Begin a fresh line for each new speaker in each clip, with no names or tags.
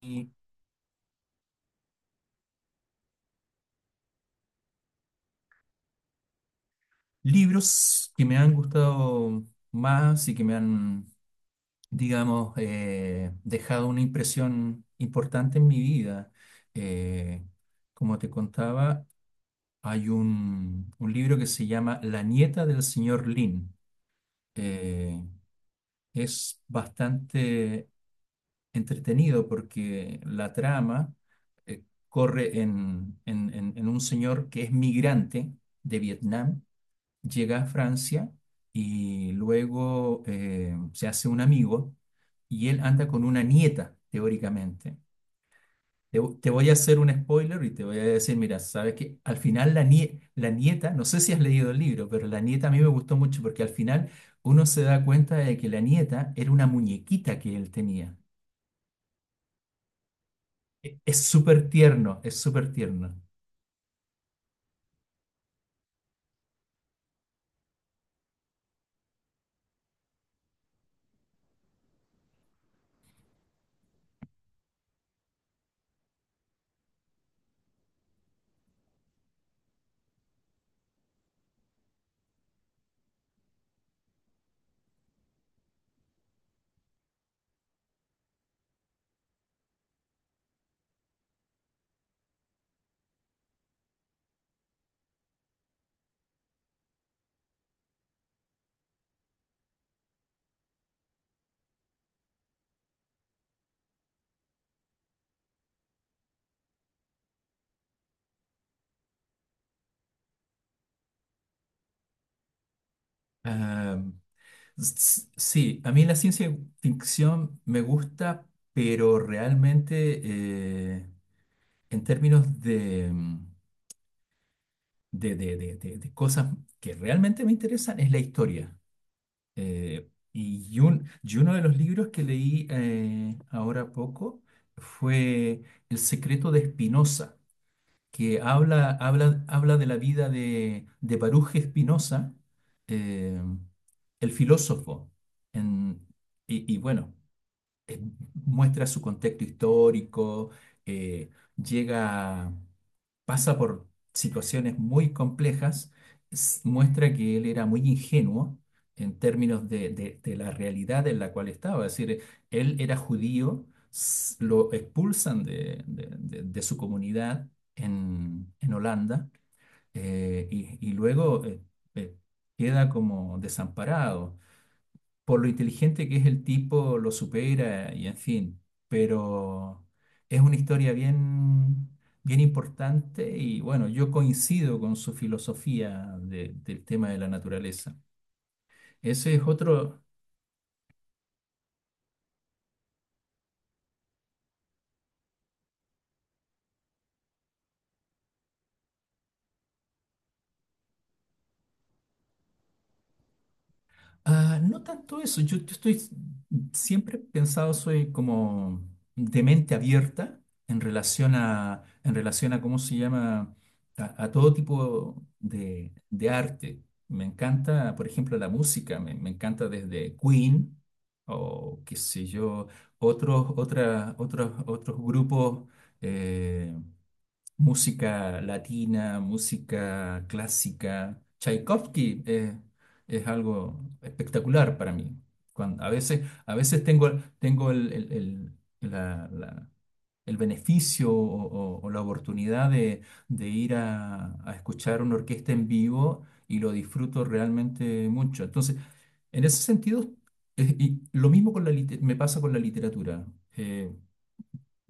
Y libros que me han gustado más y que me han, digamos, dejado una impresión importante en mi vida. Eh, Como te contaba, hay un libro que se llama La nieta del señor Lin. Eh, es bastante entretenido porque la trama corre en un señor que es migrante de Vietnam, llega a Francia y luego se hace un amigo y él anda con una nieta, teóricamente. Te voy a hacer un spoiler y te voy a decir, mira, sabes que al final la nieta, no sé si has leído el libro, pero la nieta a mí me gustó mucho porque al final uno se da cuenta de que la nieta era una muñequita que él tenía. Es súper tierno, es súper tierno. Sí, a mí la ciencia ficción me gusta, pero realmente eh, en términos de, de cosas que realmente me interesan es la historia. Y, y uno de los libros que leí ahora poco fue El secreto de Spinoza, que habla de la vida de Baruch Spinoza, eh, el filósofo. En, y bueno. eh, Muestra su contexto histórico, eh, llega, pasa por situaciones muy complejas, muestra que él era muy ingenuo en términos de, de la realidad en la cual estaba. Es decir, él era judío, lo expulsan de su comunidad en Holanda, y luego eh, queda como desamparado por lo inteligente que es el tipo, lo supera y en fin, pero es una historia bien, bien importante y bueno, yo coincido con su filosofía del tema de la naturaleza. Ese es otro. Ah, no tanto eso, yo estoy, siempre he pensado, soy como de mente abierta en relación a cómo se llama, a todo tipo de arte. Me encanta, por ejemplo, la música, me encanta desde Queen o qué sé yo, otros, otras, otros grupos, eh, música latina, música clásica. Tchaikovsky es algo espectacular para mí. A veces, a veces tengo, tengo el beneficio o la oportunidad de ir a escuchar una orquesta en vivo y lo disfruto realmente mucho. Entonces, en ese sentido, y lo mismo con la me pasa con la literatura. Eh,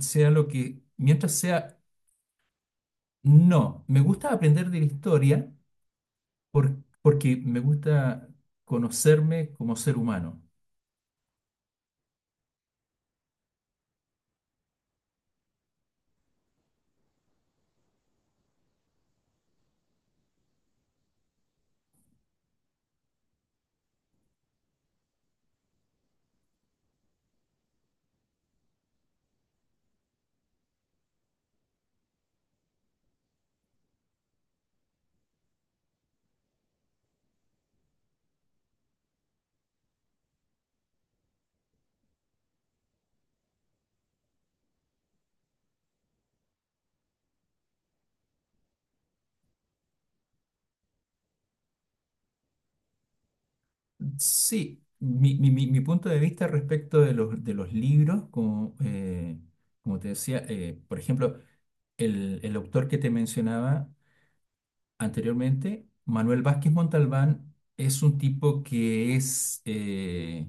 Sea lo que, mientras sea. No, me gusta aprender de la historia por- porque me gusta conocerme como ser humano. Sí, mi punto de vista respecto de los libros, como, como te decía, por ejemplo, el autor que te mencionaba anteriormente, Manuel Vázquez Montalbán, es un tipo que es,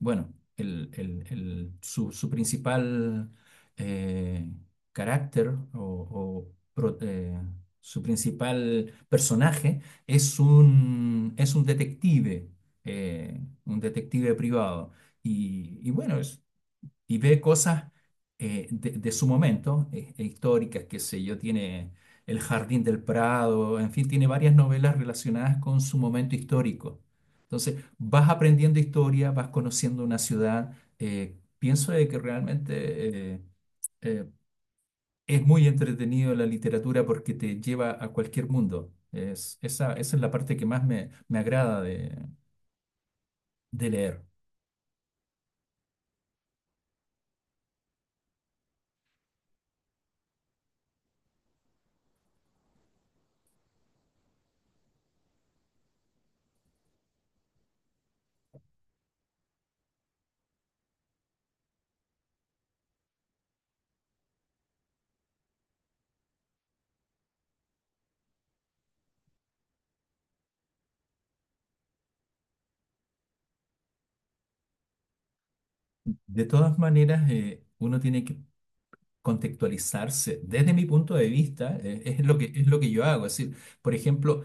bueno, su, su principal eh, carácter su principal personaje es un detective privado. Y bueno, es, y ve cosas de su momento, históricas, qué sé yo, tiene El Jardín del Prado, en fin, tiene varias novelas relacionadas con su momento histórico. Entonces, vas aprendiendo historia, vas conociendo una ciudad. Pienso de que realmente eh, es muy entretenido la literatura porque te lleva a cualquier mundo. Es, esa es la parte que más me, me agrada de leer. De todas maneras, uno tiene que contextualizarse desde mi punto de vista, es lo que yo hago. Es decir, por ejemplo,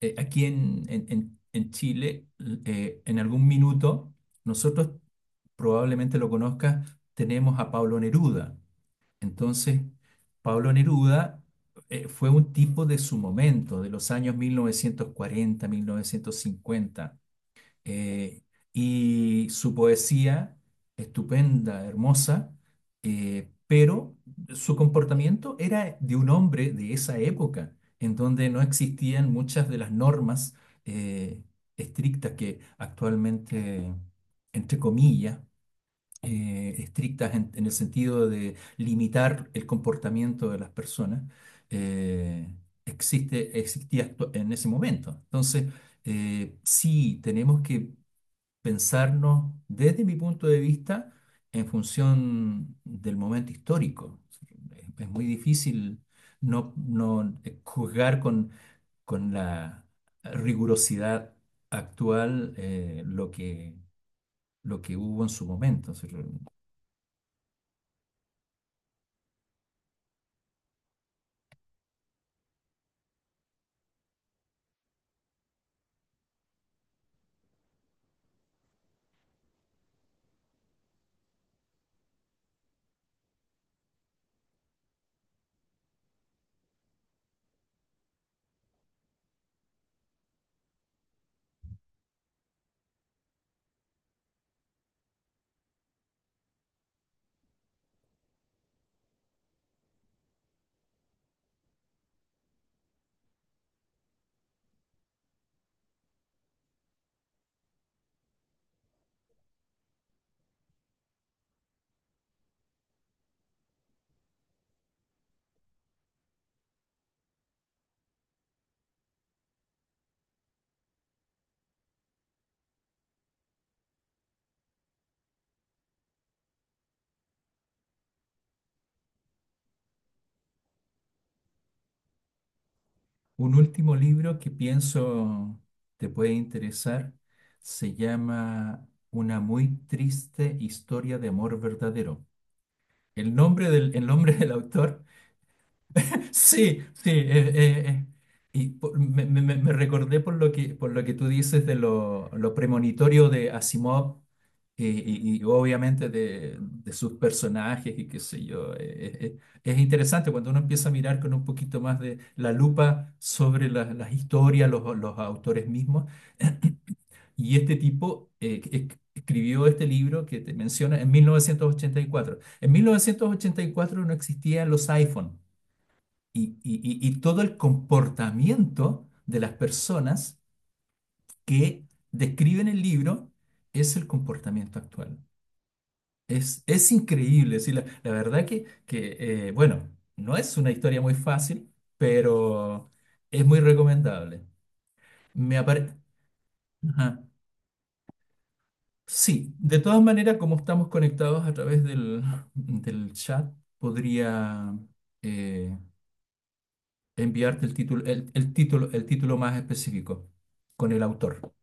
aquí en, en Chile, en algún minuto, nosotros, probablemente lo conozcas, tenemos a Pablo Neruda. Entonces, Pablo Neruda fue un tipo de su momento, de los años mil, mil novecientos cuarenta, mil novecientos cincuenta, eh, y su poesía, estupenda, hermosa, pero su comportamiento era de un hombre de esa época, en donde no existían muchas de las normas eh, estrictas que actualmente, entre comillas, estrictas en el sentido de limitar el comportamiento de las personas, eh, existe, en ese momento. Entonces, sí, tenemos que pensarnos desde mi punto de vista en función del momento histórico. Es muy difícil no, juzgar con la rigurosidad actual lo que hubo en su momento. O sea, un último libro que pienso te puede interesar se llama Una muy triste historia de amor verdadero. El nombre el nombre del autor. Sí, sí. Y me, me recordé por lo que tú dices de lo premonitorio de Asimov y, y obviamente de sus personajes y qué sé yo. Es interesante cuando uno empieza a mirar con un poquito más de la lupa sobre las historias, los autores mismos. Y este tipo escribió este libro que te menciona en 1984. En 1984 no existían los iPhone y, y todo el comportamiento de las personas que describen el libro es el comportamiento actual. Es increíble, sí, la verdad que bueno, no es una historia muy fácil, pero es muy recomendable. Me apare- Ajá. Sí, de todas maneras, como estamos conectados a través del, del chat, podría eh, enviarte el título, el título, el título más específico con el autor.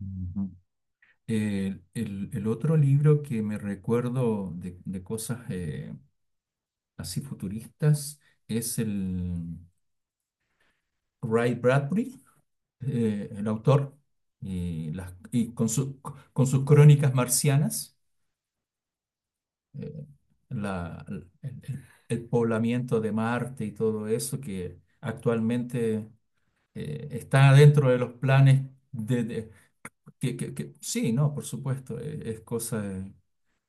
Ujú. El otro libro que me recuerdo de cosas así futuristas es el Ray Bradbury, el autor, y, y con, con sus crónicas marcianas, eh, el, el poblamiento de Marte y todo eso que actualmente está dentro de los planes de, que, sí, no, por supuesto, es cosa de,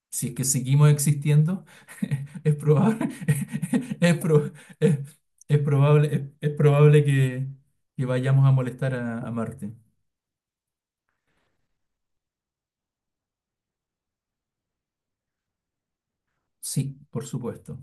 si es que seguimos existiendo, es probable, es, es- es probable, es probable que vayamos a molestar a Marte. Sí, por supuesto.